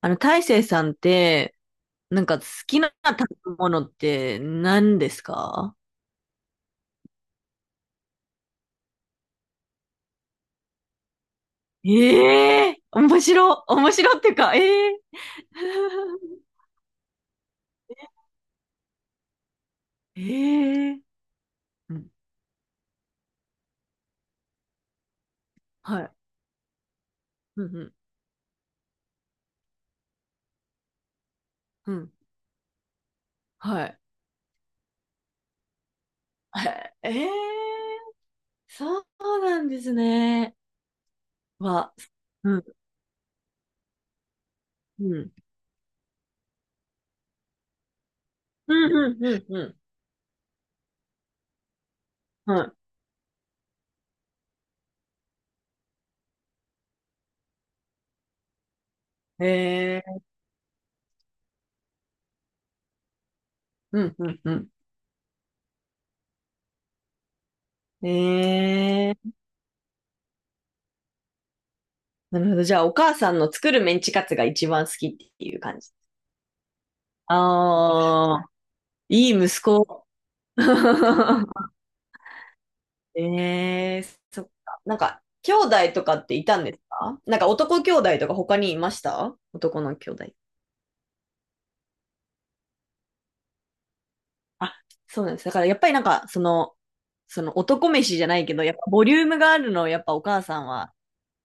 大成さんって、なんか好きな食べ物って何ですか？ええー、面白ってか、ええー、ええー、うん、はい、うん、うん、うん、はい。ええー、そうなんですね。は、うん、うん、うん、うん、うん、うん、はい。ええー、うん、うん、うん。ええー、なるほど。じゃあ、お母さんの作るメンチカツが一番好きっていう感じ。ああ。いい息子。ええ、そっか。なんか、兄弟とかっていたんですか？なんか男兄弟とか他にいました？男の兄弟。あ、そうなんです。だからやっぱりなんか、その男飯じゃないけど、やっぱボリュームがあるのをやっぱお母さんは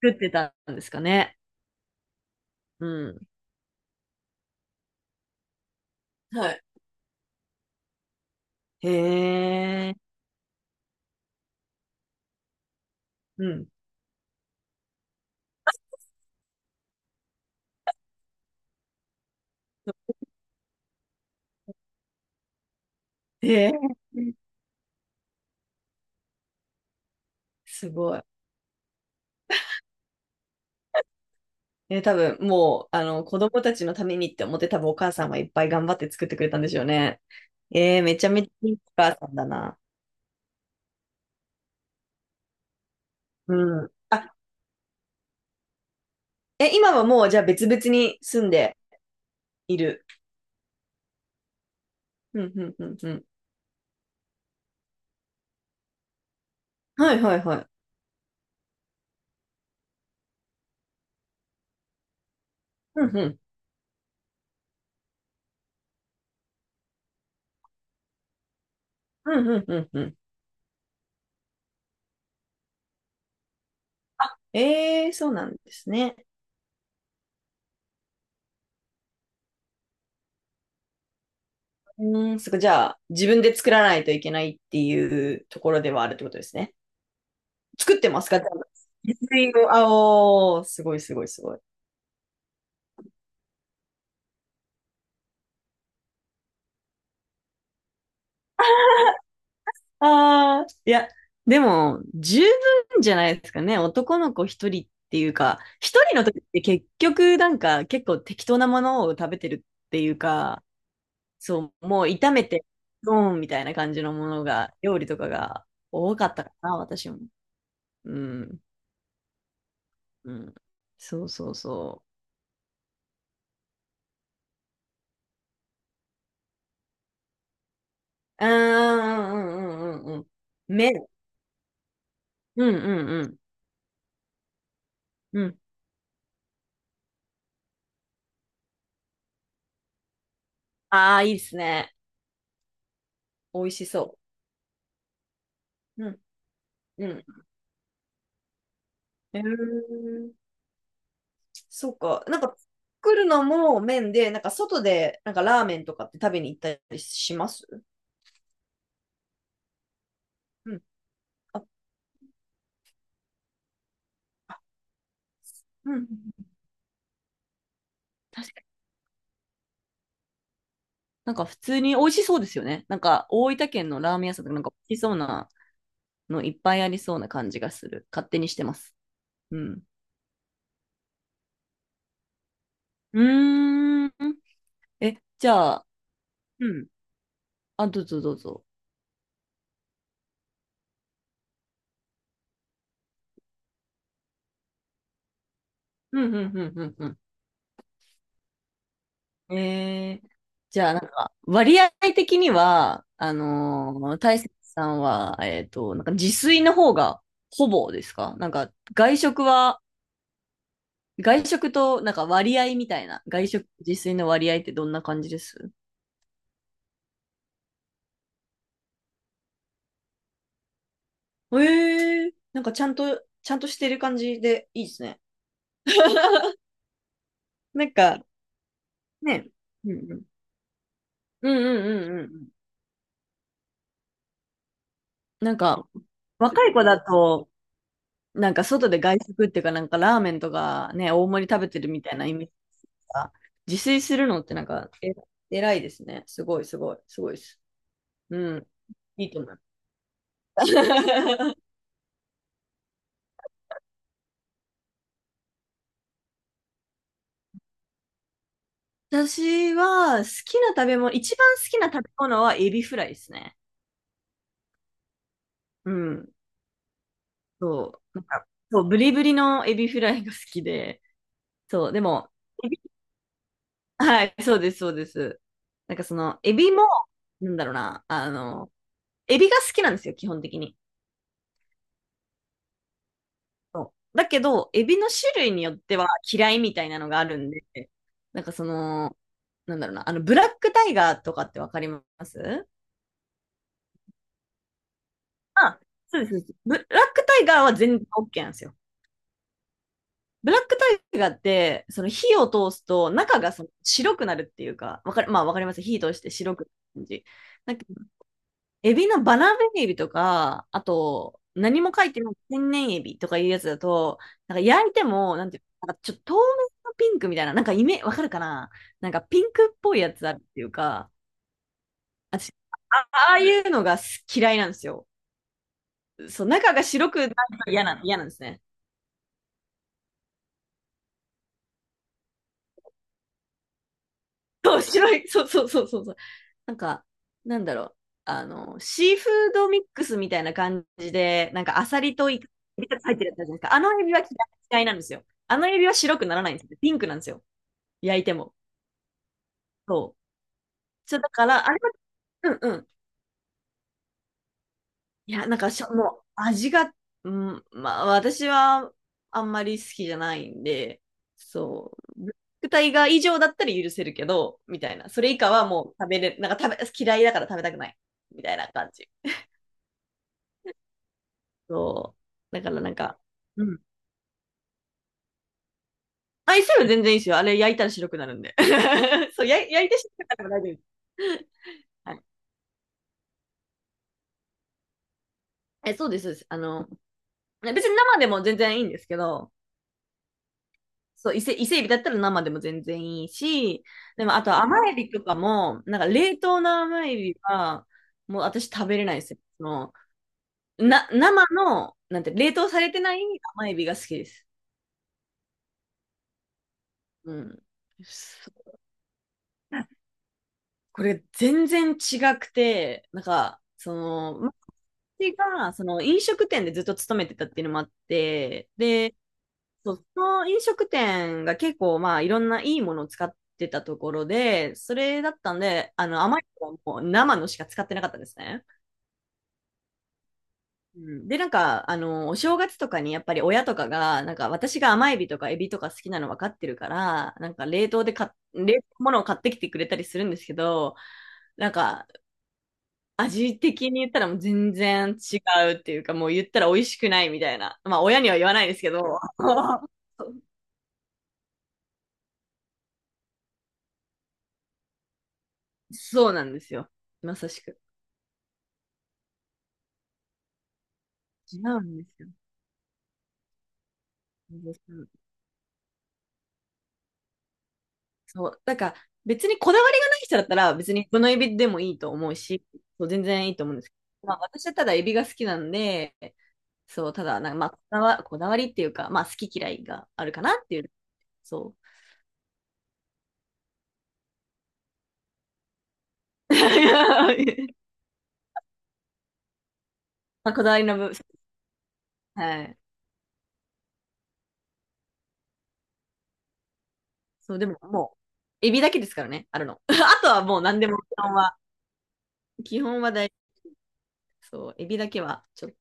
作ってたんですかね？うん。はい。へえ。うん。へえ。すごい。ね、多分もう、子供たちのためにって思って多分お母さんはいっぱい頑張って作ってくれたんでしょうね。めちゃめちゃいいお母さんだな。うん。あ、今はもうじゃあ別々に住んでいる？うん、うん、うん、うん。はいはいはい。うん、うん、うん、うん、うん。うん、そうなんですね。うん、そっか。じゃあ自分で作らないといけないっていうところではあるってことですね？作ってますかじゃんと自炊 を、あおー、すごいすごいすごい。ああ、いや、でも、十分じゃないですかね。男の子一人っていうか、一人の時って結局なんか結構適当なものを食べてるっていうか、そう、もう炒めて、ドーンみたいな感じのものが、料理とかが多かったかな、私も。うん、うん。そうそうそう。うーん、うん、うん、うん、うん。麺。うん、うん、うん。うん。ああ、いいですね。美味しそう。うん、うん。うーん、そうか。なんか作るのも麺で、なんか外でなんかラーメンとかって食べに行ったりします？うん。あ、あ、うん。確かに。なんか普通に美味しそうですよね。なんか大分県のラーメン屋さんとかなんか美味しそうなのいっぱいありそうな感じがする。勝手にしてます。うん。うーん。え、じゃあ、うん。あ、どうぞどうぞ。うん、うん、うん、うん。うん、えー、じゃあ、なんか、割合的には、大雪さんは、なんか自炊の方がほぼですか？なんか、外食は、外食と、なんか割合みたいな、外食、自炊の割合ってどんな感じです？ええー、なんかちゃんと、ちゃんとしてる感じでいいですね。なんか、ね。うんうん。うんうんうんうん。なんか、若い子だと、なんか外で外食っていうか、なんかラーメンとかね、大盛り食べてるみたいなイメージか？自炊するのってなんか、偉いですね。すごい、すごい、すごいです。うん。いいと思います。私は好きな食べ物、一番好きな食べ物はエビフライですね。うん。そう。なんか、そう、ブリブリのエビフライが好きで、そう、でも、エビはい、そうです、そうです。なんかその、エビも、なんだろうな、あの、エビが好きなんですよ、基本的に。そうだけど、エビの種類によっては嫌いみたいなのがあるんで、なんかその、なんだろうな、あの、ブラックタイガーとかってわかります？あ、そうです。そうです。ブラックタイガーは全然 OK なんですよ。ブラックタイガーって、その火を通すと中がその白くなるっていうか、わかる、まあわかります。火通して白くなる感じ。なんかエビのバランエビとか、あと、何も書いてない天然エビとかいうやつだと、なんか焼いても、なんていうの、なんかちょっと透明のピンクみたいな、なんかわかるかな？なんかピンクっぽいやつあるっていうか、私、あ、ああいうのが嫌いなんですよ。そう、中が白くないと嫌なんですね。そう、白い、そうそうそうそうそう。なんか、なんだろう。あの、シーフードミックスみたいな感じで、なんかアサリとイカが入ってるやつあるじゃないですか。あのエビは嫌いなんですよ。あのエビは白くならないんですよ。ピンクなんですよ。焼いても。そう。そうだから、あれは、うんうん。いや、なんかもう味が、うん、まあ私はあんまり好きじゃないんで、そう、ブラックタイガー以上だったら許せるけど、みたいな。それ以下はもう食べれ、なんか食べ、嫌いだから食べたくない。みたいな感じ。そう。だからなんか、うん。あ、イスは全然いいですよ。あれ焼いたら白くなるんで。そう、焼いて白くなるから大丈夫です。はい。え、そうです、そうです。あの、別に生でも全然いいんですけど、そう、伊勢海ビだったら生でも全然いいし、でもあと甘エビとかも、なんか冷凍の甘エビは、もう私食べれないですよ。その、生の、なんて、冷凍されてない甘エビが好きです。うん。そう、これ全然違くて、なんか、その、私が、その飲食店でずっと勤めてたっていうのもあって、で、そう、その飲食店が結構まあいろんないいものを使ってたところで、それだったんで、あの甘いのはもう生のしか使ってなかったんですね。うん、で、なんか、あの、お正月とかにやっぱり親とかが、なんか私が甘エビとかエビとか好きなの分かってるから、なんか冷凍で冷凍物を買ってきてくれたりするんですけど、なんか味的に言ったらもう全然違うっていうか、もう言ったら美味しくないみたいな。まあ親には言わないですけど、そうなんですよ。まさしく。違うんですよ。そう。だから、別にこだわりがない人だったら、別にこのエビでもいいと思うし、そう、全然いいと思うんですけど、まあ、私はただエビが好きなんで、そう、ただ、なんかまあ、こだわりっていうか、まあ、好き嫌いがあるかなっていう、そう。まあ、こだわりの部分、はい。そう、でももう、エビだけですからね、あるの。あとはもう何でも基本はそう、エビだけはちょっと